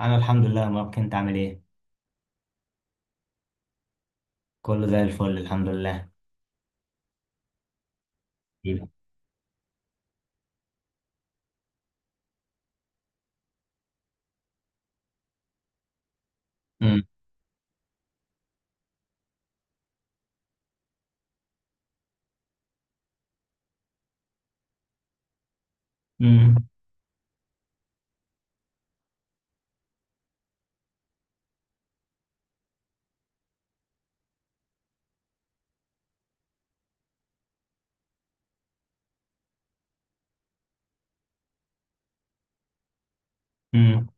انا الحمد لله ما كنت عامل ايه. كله زي الفل الحمد لله. حبيبي. امم امم امم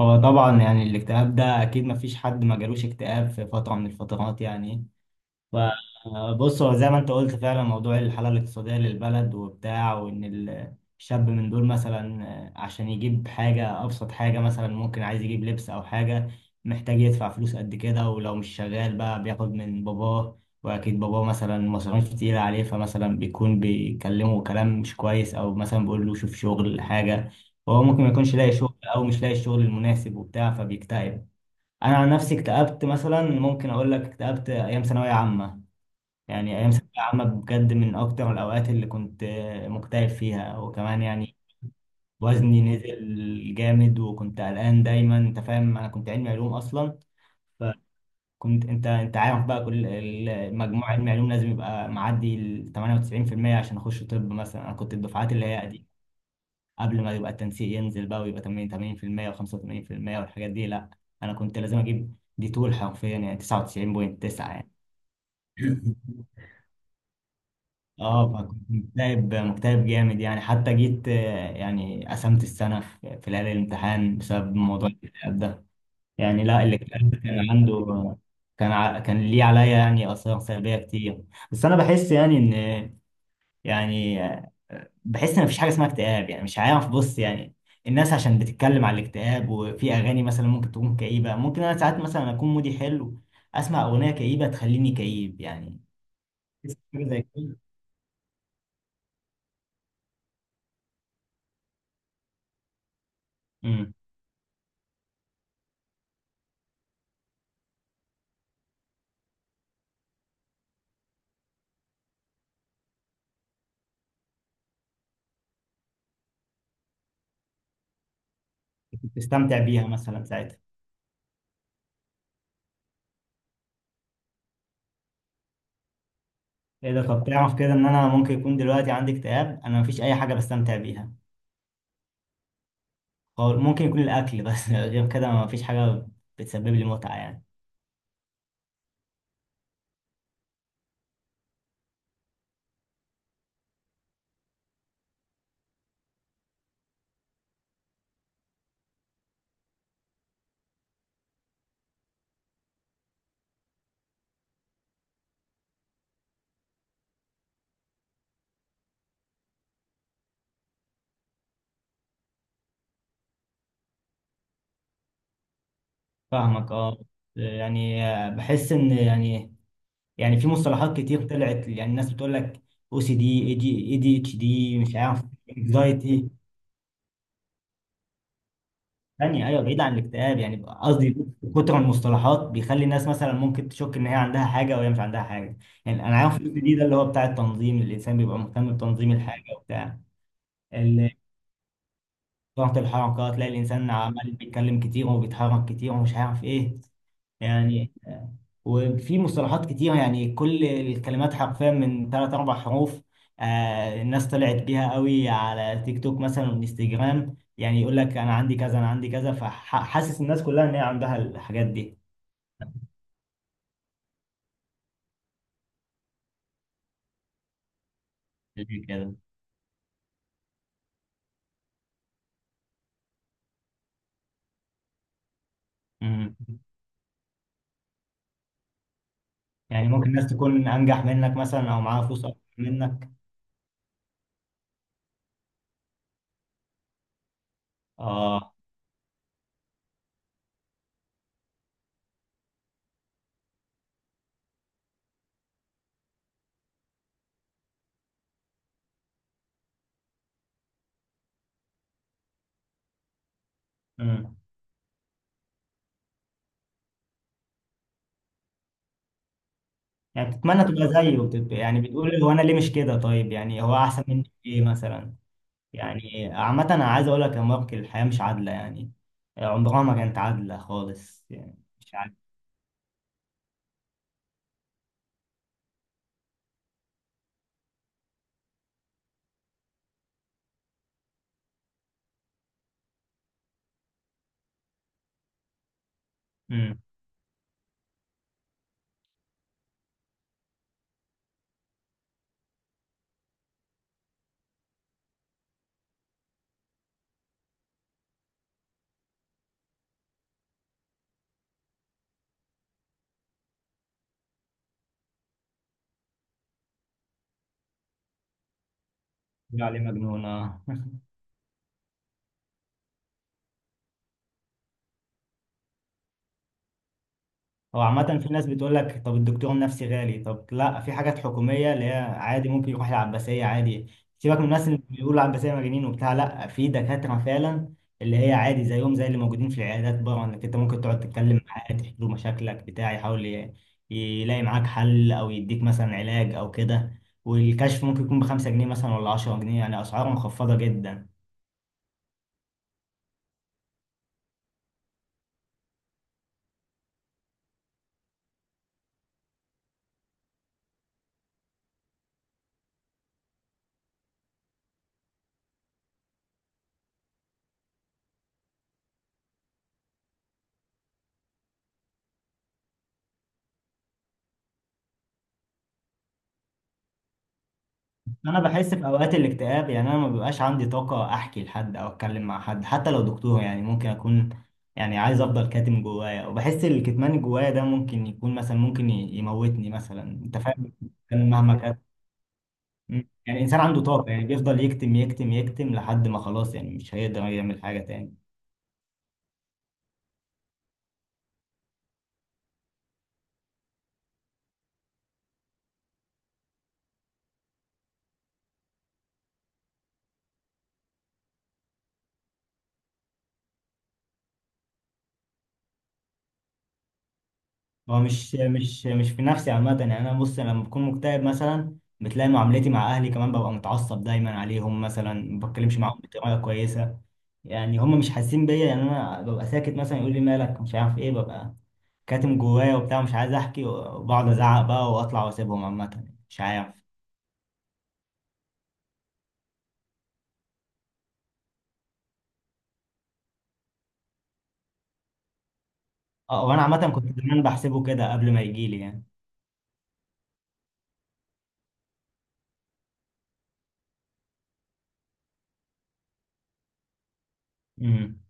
هو طبعا يعني الاكتئاب ده اكيد ما فيش حد ما جالوش اكتئاب في فترة من الفترات، يعني فبص هو زي ما انت قلت فعلا، موضوع الحالة الاقتصادية للبلد وبتاع، وان الشاب من دول مثلا، عشان يجيب حاجة، أبسط حاجة مثلا ممكن عايز يجيب لبس أو حاجة، محتاج يدفع فلوس قد كده، ولو مش شغال بقى بياخد من باباه، وأكيد باباه مثلا مصاريف كتيرة عليه، فمثلا بيكون بيكلمه كلام مش كويس أو مثلا بيقول له شوف شغل حاجة. فهو ممكن ما يكونش لاقي شغل أو مش لاقي الشغل المناسب وبتاع، فبيكتئب. أنا عن نفسي اكتئبت مثلا، ممكن أقول لك اكتئبت أيام ثانوية عامة. يعني أيام ثانوية عامة بجد من أكتر الأوقات اللي كنت مكتئب فيها. وكمان يعني وزني نزل جامد، وكنت قلقان دايما، أنت فاهم، أنا كنت علمي علوم أصلا. فكنت، أنت عارف بقى، كل المجموع علمي علوم لازم يبقى معدي ال 98% عشان أخش طب مثلا. أنا كنت الدفعات اللي هي دي قبل ما يبقى التنسيق ينزل بقى ويبقى 80 و85% والحاجات دي، لا أنا كنت لازم أجيب دي طول، حرفيا يعني 99.9 يعني. اه فكنت مكتئب مكتئب جامد يعني، حتى جيت يعني قسمت السنة في ليالي الامتحان بسبب موضوع الاكتئاب ده. يعني لا الاكتئاب كان عنده كان ليه عليا يعني آثار سلبية كتير. بس أنا بحس يعني إن يعني آه، بحس إن مفيش حاجة اسمها اكتئاب، يعني مش عارف بص يعني، الناس عشان بتتكلم على الاكتئاب، وفي أغاني مثلا ممكن تكون كئيبة، ممكن أنا ساعات مثلا أكون مودي حلو أسمع أغنية كئيبة تخليني كئيب يعني. بس حاجة زي كده. كنت بتستمتع بيها مثلا ساعتها. ايه ده، طب تعرف كده ان انا ممكن يكون دلوقتي عندي اكتئاب. انا مفيش اي حاجه بستمتع بيها. هو ممكن يكون الاكل بس. غير كده مفيش حاجه بتسبب لي متعه يعني. فاهمك اه. يعني بحس ان، يعني يعني في مصطلحات كتير طلعت، يعني الناس بتقول لك او سي دي، اي دي اتش دي، مش عارف، انكزايتي. ثانية أيوة، بعيد عن الاكتئاب يعني، قصدي كتر من المصطلحات بيخلي الناس مثلا ممكن تشك إن هي عندها حاجة وهي مش عندها حاجة. يعني أنا عارف الجزء دي، ده اللي هو بتاع التنظيم، الإنسان بيبقى مهتم بتنظيم الحاجة وبتاع. ال- ضغط الحركة، تلاقي الإنسان عمال بيتكلم كتير وبيتحرك كتير ومش عارف إيه يعني وفي مصطلحات كتير يعني، كل الكلمات حرفيا من ثلاث أربع حروف، آه الناس طلعت بيها قوي على تيك توك مثلا وانستجرام، يعني يقول لك أنا عندي كذا أنا عندي كذا، فحاسس الناس كلها إن هي عندها الحاجات دي اللي كده. مم. يعني ممكن الناس تكون أنجح منك مثلا أو معاها فلوس أكتر منك. آه. مم. يعني بتتمنى تبقى زيه وبتبقى يعني بتقول هو أنا ليه مش كده، طيب يعني هو أحسن مني في إيه مثلا. يعني عامة أنا عايز أقول لك يا مارك، الحياة مش عادلة يعني، عمرها ما كانت عادلة خالص يعني، مش عادلة. امم عليه مجنون اه. هو عامة في ناس بتقول لك طب الدكتور النفسي غالي. طب لا في حاجات حكومية اللي هي عادي ممكن يروح العباسية عادي. سيبك من الناس اللي بيقولوا العباسية مجانين وبتاع، لا في دكاترة فعلا اللي هي عادي زيهم زي اللي موجودين في العيادات بره، انك انت ممكن تقعد تتكلم معاه تحكي له مشاكلك بتاع، يحاول يلاقي معاك حل او يديك مثلا علاج او كده. والكشف ممكن يكون بـ 5 جنيه مثلا ولا 10 جنيه، يعني اسعار مخفضة جدا. انا بحس في اوقات الاكتئاب، يعني انا ما بيبقاش عندي طاقه احكي لحد او اتكلم مع حد حتى لو دكتور، يعني ممكن اكون يعني عايز افضل كاتم جوايا، وبحس الكتمان اللي جوايا ده ممكن يكون مثلا ممكن يموتني مثلا، انت فاهم كان مهما كان. مم. يعني الانسان عنده طاقه يعني بيفضل يكتم يكتم يكتم لحد ما خلاص، يعني مش هيقدر يعمل حاجه تاني. هو مش في نفسي عامة يعني. أنا بص لما بكون مكتئب مثلا بتلاقي معاملتي مع أهلي كمان، ببقى متعصب دايما عليهم مثلا ما بتكلمش معاهم بطريقة كويسة. يعني هم مش حاسين بيا، يعني أنا ببقى ساكت مثلا، يقول لي مالك مش عارف إيه، ببقى كاتم جوايا وبتاع مش عايز أحكي، وبقعد أزعق بقى وأطلع وأسيبهم، عامة مش عارف. أه وأنا عامة كنت زمان بحسبه كده قبل ما يجيلي يعني. امم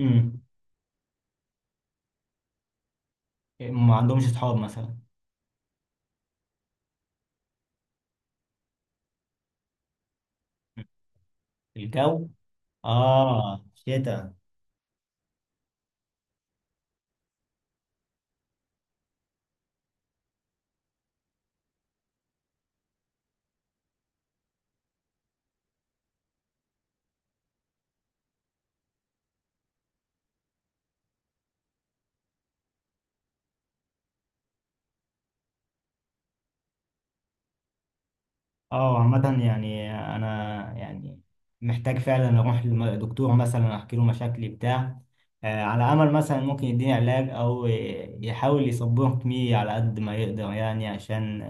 امم ما عندهمش أصحاب مثلا. الجو، آه شتا. اه عامة يعني أنا يعني محتاج فعلا أروح لدكتور مثلا أحكي له مشاكلي بتاع، على أمل مثلا ممكن يديني علاج أو يحاول يصبرني على قد ما يقدر، يعني عشان،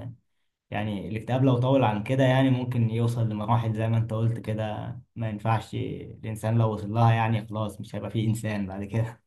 يعني الاكتئاب لو طول عن كده، يعني ممكن يوصل لمراحل زي ما أنت قلت كده ما ينفعش، الإنسان لو وصل لها يعني خلاص مش هيبقى فيه إنسان بعد كده.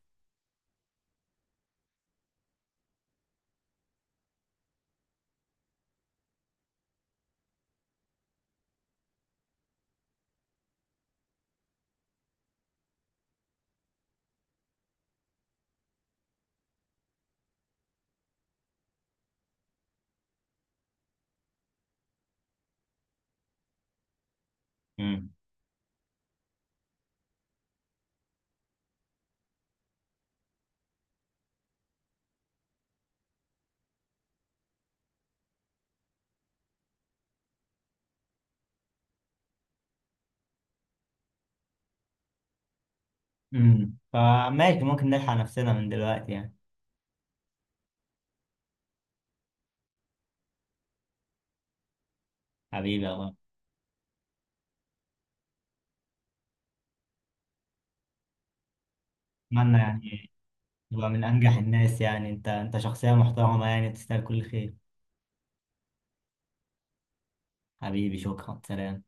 مم. فماشي ممكن نلحق نفسنا من دلوقتي يعني. حبيبي يا غالي. أتمنى يعني، هو من أنجح الناس يعني، أنت أنت شخصية محترمة يعني تستاهل كل خير. حبيبي شكرا سلام.